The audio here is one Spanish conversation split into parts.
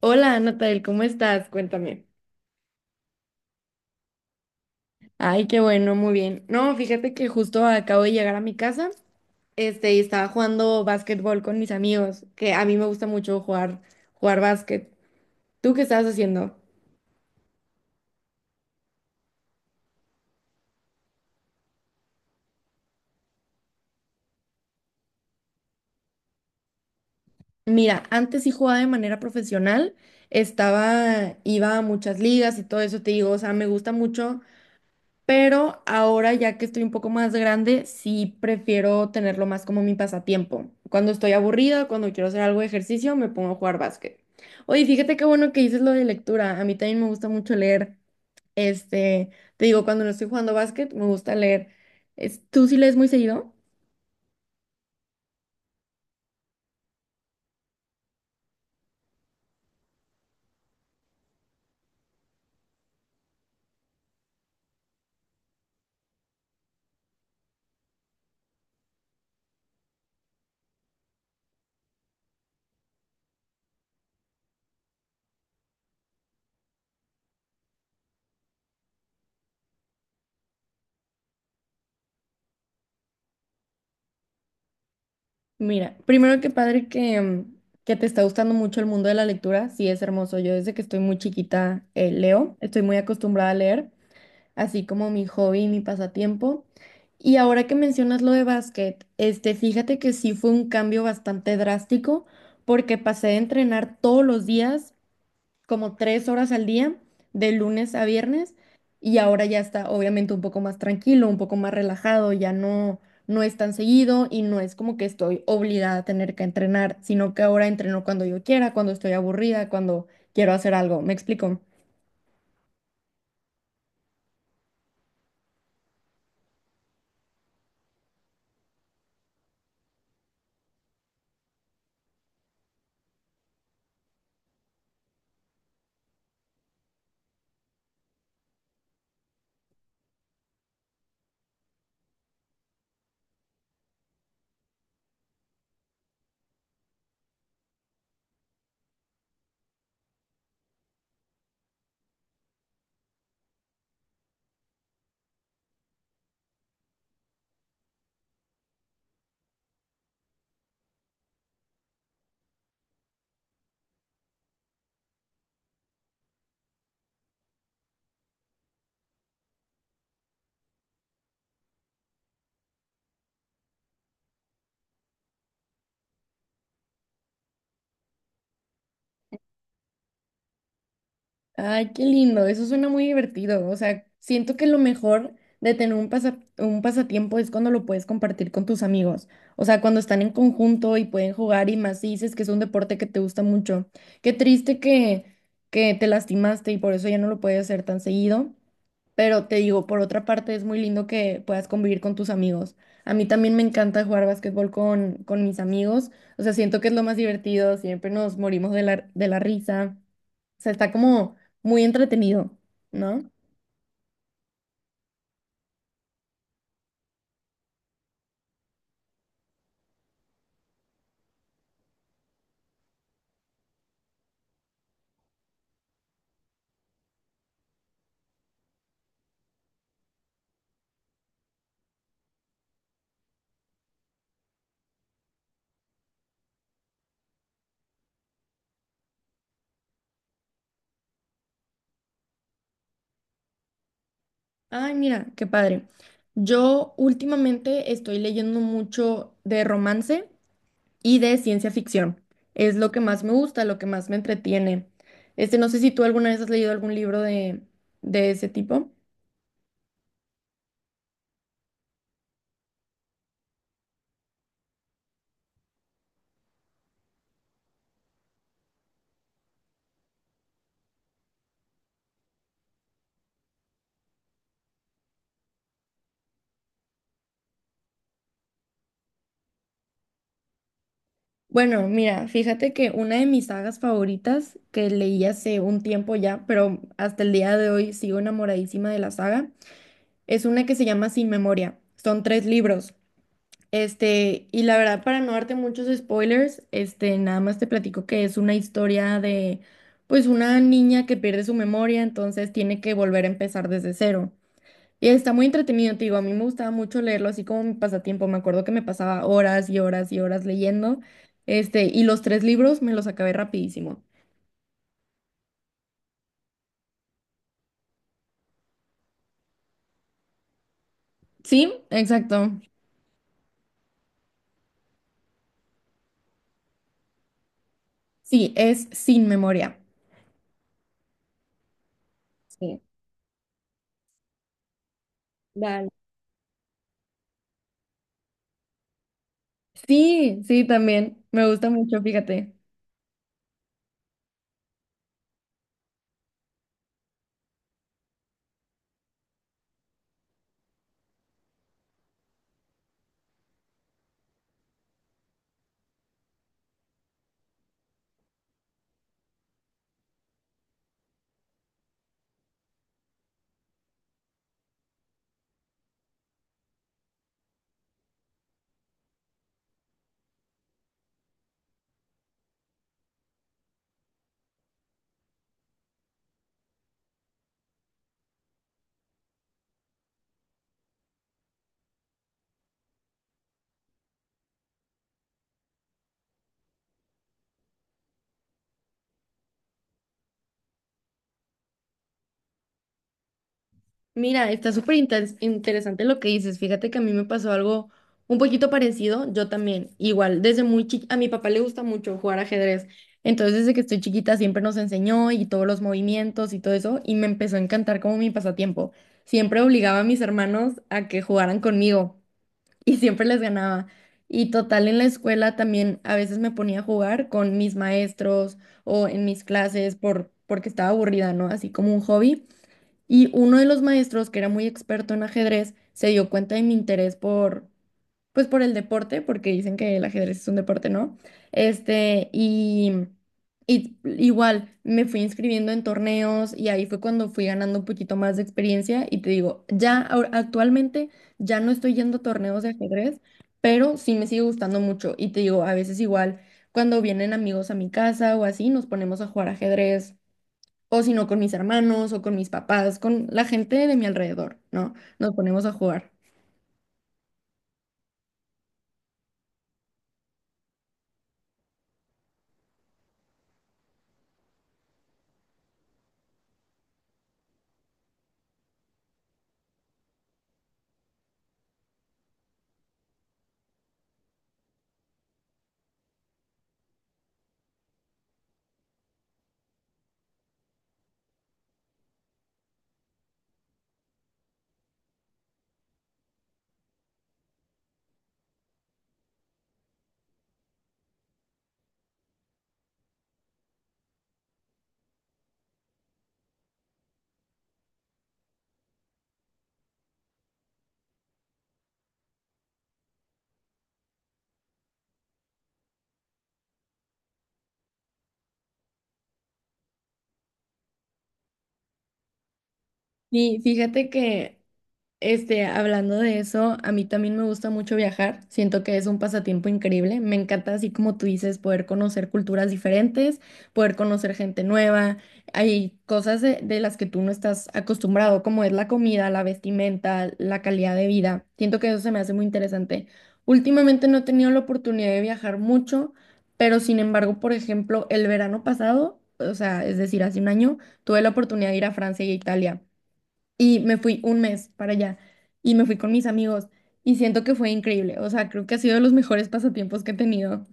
Hola, Natal, ¿cómo estás? Cuéntame. Ay, qué bueno, muy bien. No, fíjate que justo acabo de llegar a mi casa, y estaba jugando básquetbol con mis amigos, que a mí me gusta mucho jugar básquet. ¿Tú qué estabas haciendo? Mira, antes sí jugaba de manera profesional, iba a muchas ligas y todo eso, te digo, o sea, me gusta mucho pero ahora ya que estoy un poco más grande, sí prefiero tenerlo más como mi pasatiempo. Cuando estoy aburrida, cuando quiero hacer algo de ejercicio, me pongo a jugar básquet. Oye, fíjate qué bueno que dices lo de lectura. A mí también me gusta mucho leer. Este, Te digo, cuando no estoy jugando básquet, me gusta leer. ¿Tú sí lees muy seguido? Mira, primero que padre que te está gustando mucho el mundo de la lectura. Sí, es hermoso. Yo desde que estoy muy chiquita leo, estoy muy acostumbrada a leer, así como mi hobby y mi pasatiempo. Y ahora que mencionas lo de básquet, fíjate que sí fue un cambio bastante drástico porque pasé de entrenar todos los días, como tres horas al día, de lunes a viernes, y ahora ya está obviamente un poco más tranquilo, un poco más relajado, no es tan seguido y no es como que estoy obligada a tener que entrenar, sino que ahora entreno cuando yo quiera, cuando estoy aburrida, cuando quiero hacer algo. ¿Me explico? Ay, qué lindo, eso suena muy divertido. O sea, siento que lo mejor de tener un un pasatiempo es cuando lo puedes compartir con tus amigos. O sea, cuando están en conjunto y pueden jugar y más si dices que es un deporte que te gusta mucho. Qué triste que te lastimaste y por eso ya no lo puedes hacer tan seguido. Pero te digo, por otra parte, es muy lindo que puedas convivir con tus amigos. A mí también me encanta jugar básquetbol con mis amigos. O sea, siento que es lo más divertido. Siempre nos morimos de de la risa. O sea, está como muy entretenido, ¿no? Ay, mira, qué padre. Yo últimamente estoy leyendo mucho de romance y de ciencia ficción. Es lo que más me gusta, lo que más me entretiene. No sé si tú alguna vez has leído algún libro de ese tipo. Bueno, mira, fíjate que una de mis sagas favoritas que leí hace un tiempo ya, pero hasta el día de hoy sigo enamoradísima de la saga, es una que se llama Sin Memoria. Son tres libros. Y la verdad, para no darte muchos spoilers, nada más te platico que es una historia de, pues, una niña que pierde su memoria, entonces tiene que volver a empezar desde cero. Y está muy entretenido, te digo, a mí me gustaba mucho leerlo así como mi pasatiempo, me acuerdo que me pasaba horas y horas y horas leyendo, y los tres libros me los acabé rapidísimo. Sí, exacto. Sí, es Sin Memoria. Sí. Dale. Sí, sí, también, me gusta mucho, fíjate. Mira, está súper interesante lo que dices. Fíjate que a mí me pasó algo un poquito parecido. Yo también, igual, desde muy chiquita, a mi papá le gusta mucho jugar ajedrez. Entonces, desde que estoy chiquita siempre nos enseñó y todos los movimientos y todo eso, y me empezó a encantar como mi pasatiempo. Siempre obligaba a mis hermanos a que jugaran conmigo y siempre les ganaba. Y total, en la escuela también a veces me ponía a jugar con mis maestros o en mis clases porque estaba aburrida, ¿no? Así como un hobby. Y uno de los maestros, que era muy experto en ajedrez, se dio cuenta de mi interés pues por el deporte, porque dicen que el ajedrez es un deporte, ¿no? Este, y, y igual me fui inscribiendo en torneos y ahí fue cuando fui ganando un poquito más de experiencia y te digo, ya actualmente ya no estoy yendo a torneos de ajedrez, pero sí me sigue gustando mucho y te digo, a veces igual cuando vienen amigos a mi casa o así, nos ponemos a jugar ajedrez o si no con mis hermanos o con mis papás, con la gente de mi alrededor, ¿no? Nos ponemos a jugar. Y fíjate que hablando de eso, a mí también me gusta mucho viajar. Siento que es un pasatiempo increíble. Me encanta, así como tú dices, poder conocer culturas diferentes, poder conocer gente nueva. Hay cosas de las que tú no estás acostumbrado, como es la comida, la vestimenta, la calidad de vida. Siento que eso se me hace muy interesante. Últimamente no he tenido la oportunidad de viajar mucho, pero sin embargo, por ejemplo, el verano pasado, o sea, es decir, hace un año, tuve la oportunidad de ir a Francia y a Italia y me fui un mes para allá y me fui con mis amigos y siento que fue increíble, o sea, creo que ha sido de los mejores pasatiempos que he tenido.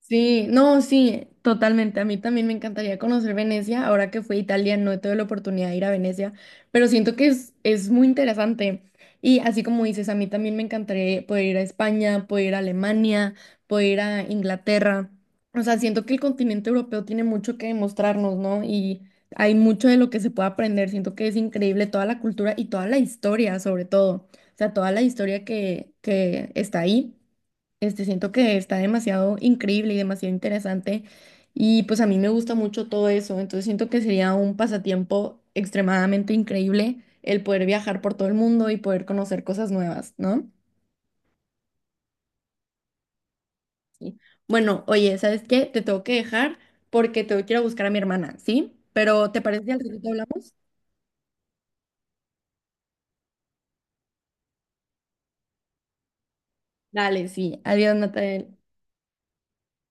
Sí, no, sí, totalmente. A mí también me encantaría conocer Venecia. Ahora que fui a Italia, no he tenido la oportunidad de ir a Venecia, pero siento que es muy interesante. Y así como dices, a mí también me encantaría poder ir a España, poder ir a Alemania, poder ir a Inglaterra. O sea, siento que el continente europeo tiene mucho que demostrarnos, ¿no? Y hay mucho de lo que se puede aprender. Siento que es increíble toda la cultura y toda la historia, sobre todo. O sea, toda la historia que está ahí. Siento que está demasiado increíble y demasiado interesante y pues a mí me gusta mucho todo eso, entonces siento que sería un pasatiempo extremadamente increíble el poder viajar por todo el mundo y poder conocer cosas nuevas, ¿no? Sí. Bueno, oye, ¿sabes qué? Te tengo que dejar porque tengo que ir a buscar a mi hermana, ¿sí? Pero ¿te parece si al ratito hablamos? Dale, sí. Adiós, Natalia.